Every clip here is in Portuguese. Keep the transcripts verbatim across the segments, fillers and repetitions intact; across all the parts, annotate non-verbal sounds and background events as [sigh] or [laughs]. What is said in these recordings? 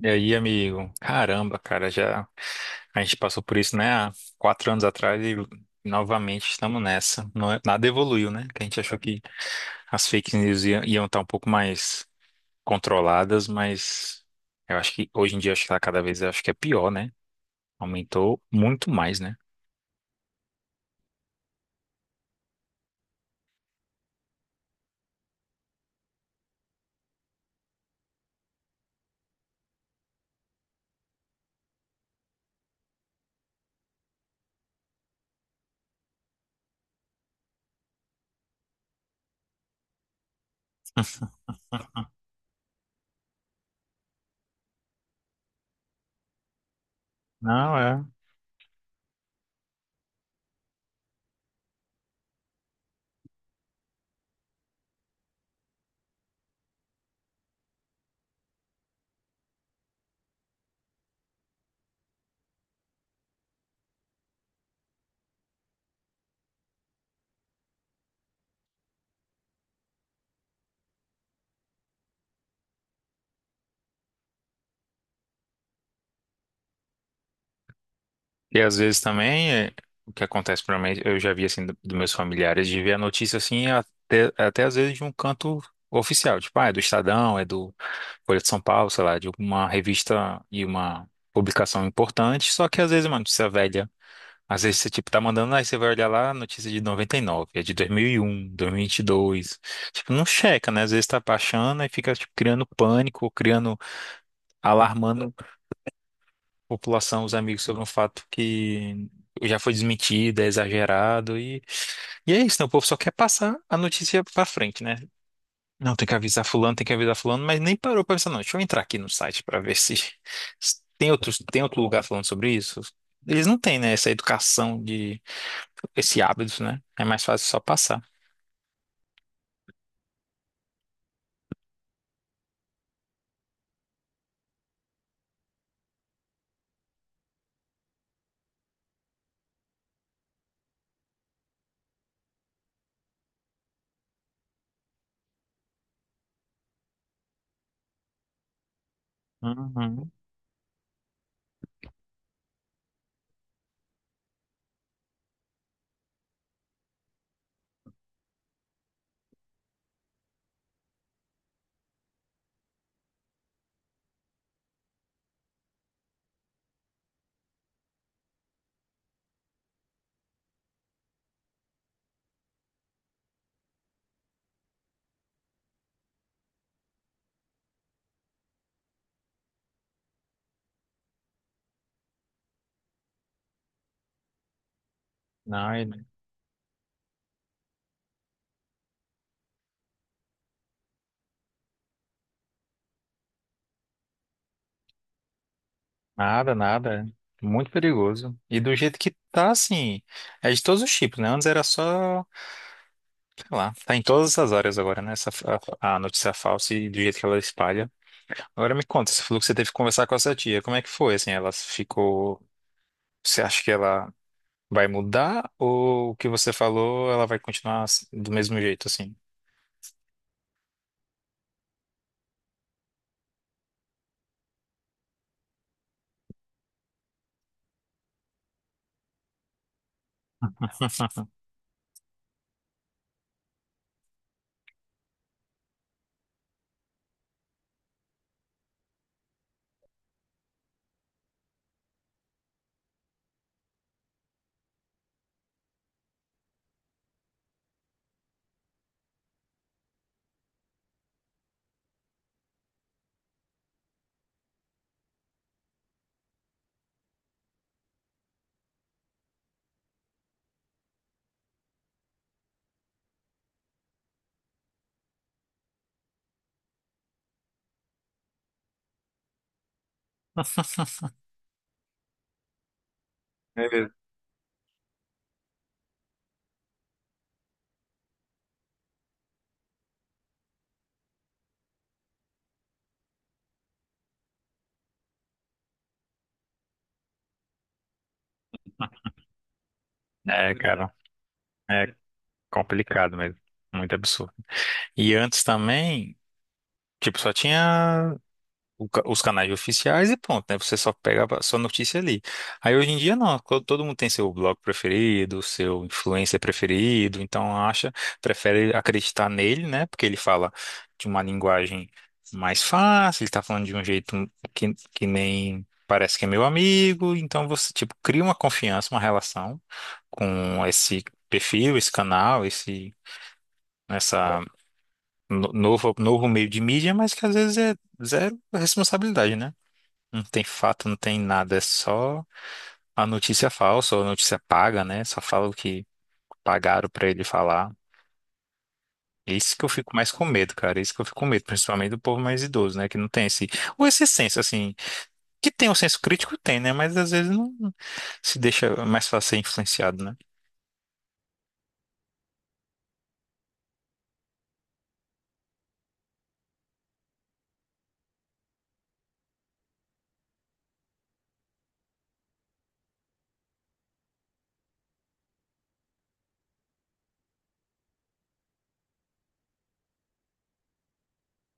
E aí, amigo? Caramba, cara, já a gente passou por isso, né, há quatro anos atrás e novamente estamos nessa. Não é- nada evoluiu, né? Que a gente achou que as fake news ia- iam estar um pouco mais controladas, mas eu acho que hoje em dia acho que tá cada vez acho que é pior, né? Aumentou muito mais, né? Não, é. E às vezes também, é, o que acontece para mim, eu já vi assim do- dos meus familiares, de ver a notícia assim, até, até às vezes de um canto oficial, tipo, ah, é do Estadão, é do Folha de São Paulo, sei lá, de uma revista e uma publicação importante, só que às vezes é uma notícia velha. Às vezes você, tipo, tá mandando, aí você vai olhar lá, notícia de noventa e nove é de dois dois mil e um, dois mil e um e dois. Tipo, não checa, né? Às vezes tá baixando e fica, tipo, criando pânico, criando, alarmando população, os amigos, sobre um fato que já foi desmentido, é exagerado e, e é isso, né? O povo só quer passar a notícia pra frente, né? Não, tem que avisar fulano, tem que avisar fulano, mas nem parou pra pensar, não. Deixa eu entrar aqui no site pra ver se, [laughs] se tem outro, tem outro lugar falando sobre isso. Eles não têm, né, essa educação de esse hábito, né? É mais fácil só passar. Uhum. Não, é- Nada, nada. Muito perigoso. E do jeito que tá, assim, é de todos os tipos, né? Antes era só. Sei lá, tá em todas as áreas agora, né? Essa, a, a notícia falsa e do jeito que ela espalha. Agora me conta, você falou que você teve que conversar com essa tia. Como é que foi? Assim, ela ficou. Você acha que ela vai mudar ou o que você falou, ela vai continuar assim, do mesmo jeito, assim? É mesmo. É, cara, é complicado mesmo. Muito absurdo. E antes também, tipo, só tinha o ca- os canais oficiais e pronto, né? Você só pega a sua notícia ali. Aí hoje em dia não, co- todo mundo tem seu blog preferido, seu influencer preferido, então acha, prefere acreditar nele, né? Porque ele fala de uma linguagem mais fácil, ele tá falando de um jeito que, que nem parece que é meu amigo, então você, tipo, cria uma confiança, uma relação com esse perfil, esse canal, esse, essa no- novo, novo, meio de mídia, mas que às vezes é zero responsabilidade, né? Não tem fato, não tem nada, é só a notícia falsa ou a notícia paga, né? Só fala o que pagaram pra ele falar. É Isso que eu fico mais com medo, cara. É Isso que eu fico com medo, principalmente do povo mais idoso, né? Que não tem esse. Ou esse senso, assim. Que tem o senso crítico, tem, né? Mas às vezes não, se deixa mais fácil ser influenciado, né?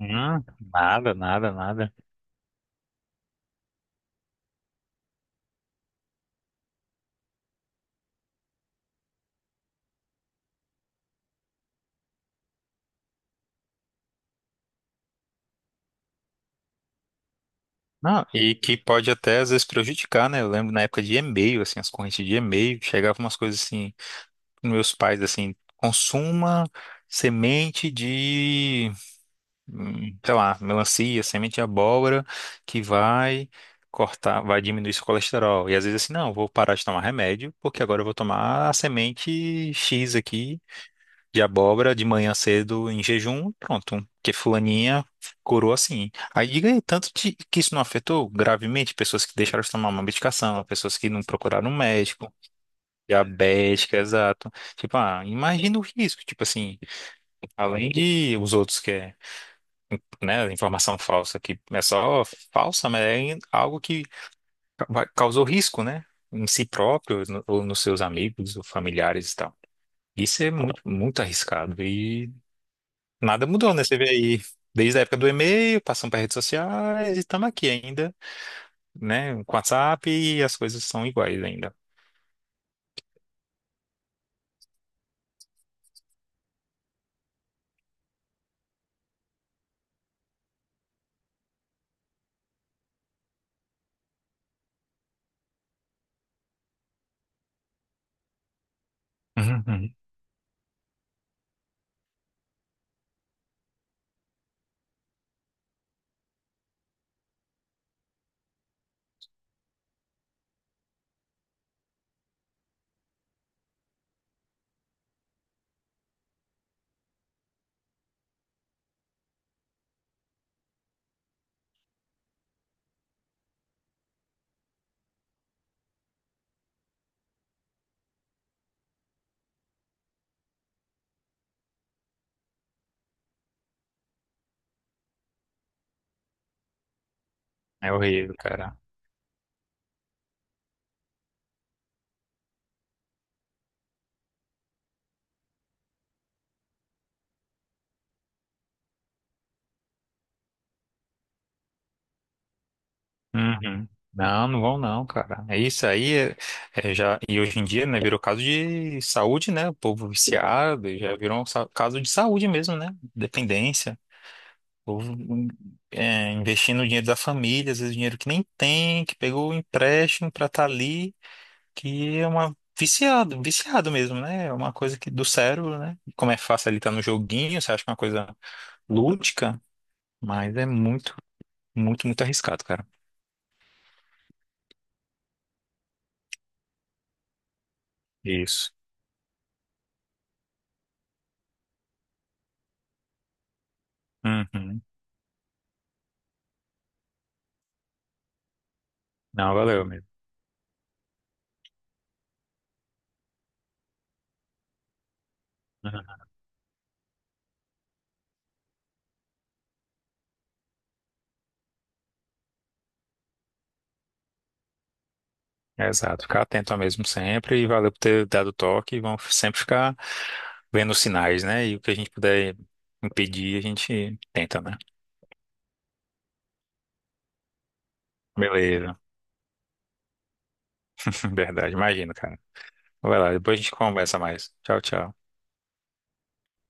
Hum, nada, nada, nada. Não, e que pode até às vezes prejudicar, né? Eu lembro na época de e-mail, assim, as correntes de e-mail, chegavam umas coisas assim. Meus pais assim, consuma semente de, hum, sei lá, melancia, semente de abóbora que vai cortar, vai diminuir seu colesterol. E às vezes assim, não, vou parar de tomar remédio, porque agora eu vou tomar a semente xis aqui de abóbora de manhã cedo em jejum, pronto. Porque fulaninha curou assim. Aí diga aí, tanto de- que isso não afetou gravemente pessoas que deixaram de tomar uma medicação, pessoas que não procuraram um médico. Diabética, exato. Tipo, ah, imagina o risco, tipo assim, além de os outros que é, né, informação falsa, que é só falsa, mas é algo que vai- causou risco, né, em si próprio, no- ou nos seus amigos, ou familiares e tal. Isso é muito, muito arriscado e nada mudou, né, você vê aí, desde a época do e-mail, passando para redes sociais e estamos aqui ainda, né, com o WhatsApp e as coisas são iguais ainda. Uhum. É horrível, cara. Uhum. Não, não vão não, cara. É isso aí, é, é já e hoje em dia, né, virou caso de saúde, né? O povo viciado, já virou um sa- caso de saúde mesmo, né? Dependência. O povo, hum, é, investindo o dinheiro da família, às vezes dinheiro que nem tem, que pegou o empréstimo pra estar ali, que é uma viciado, viciado mesmo, né? É uma coisa que do cérebro, né? Como é fácil ali estar no joguinho, você acha que é uma coisa lúdica, mas é muito, muito, muito arriscado, cara. Isso. Uhum. Não, valeu, amigo. Uhum. Exato, ficar atento mesmo sempre e valeu por ter dado o toque. E vamos sempre ficar vendo os sinais, né? E o que a gente puder impedir, a gente tenta, né? Beleza, [laughs] verdade, imagina, cara. Vai lá, depois a gente conversa mais. Tchau, tchau.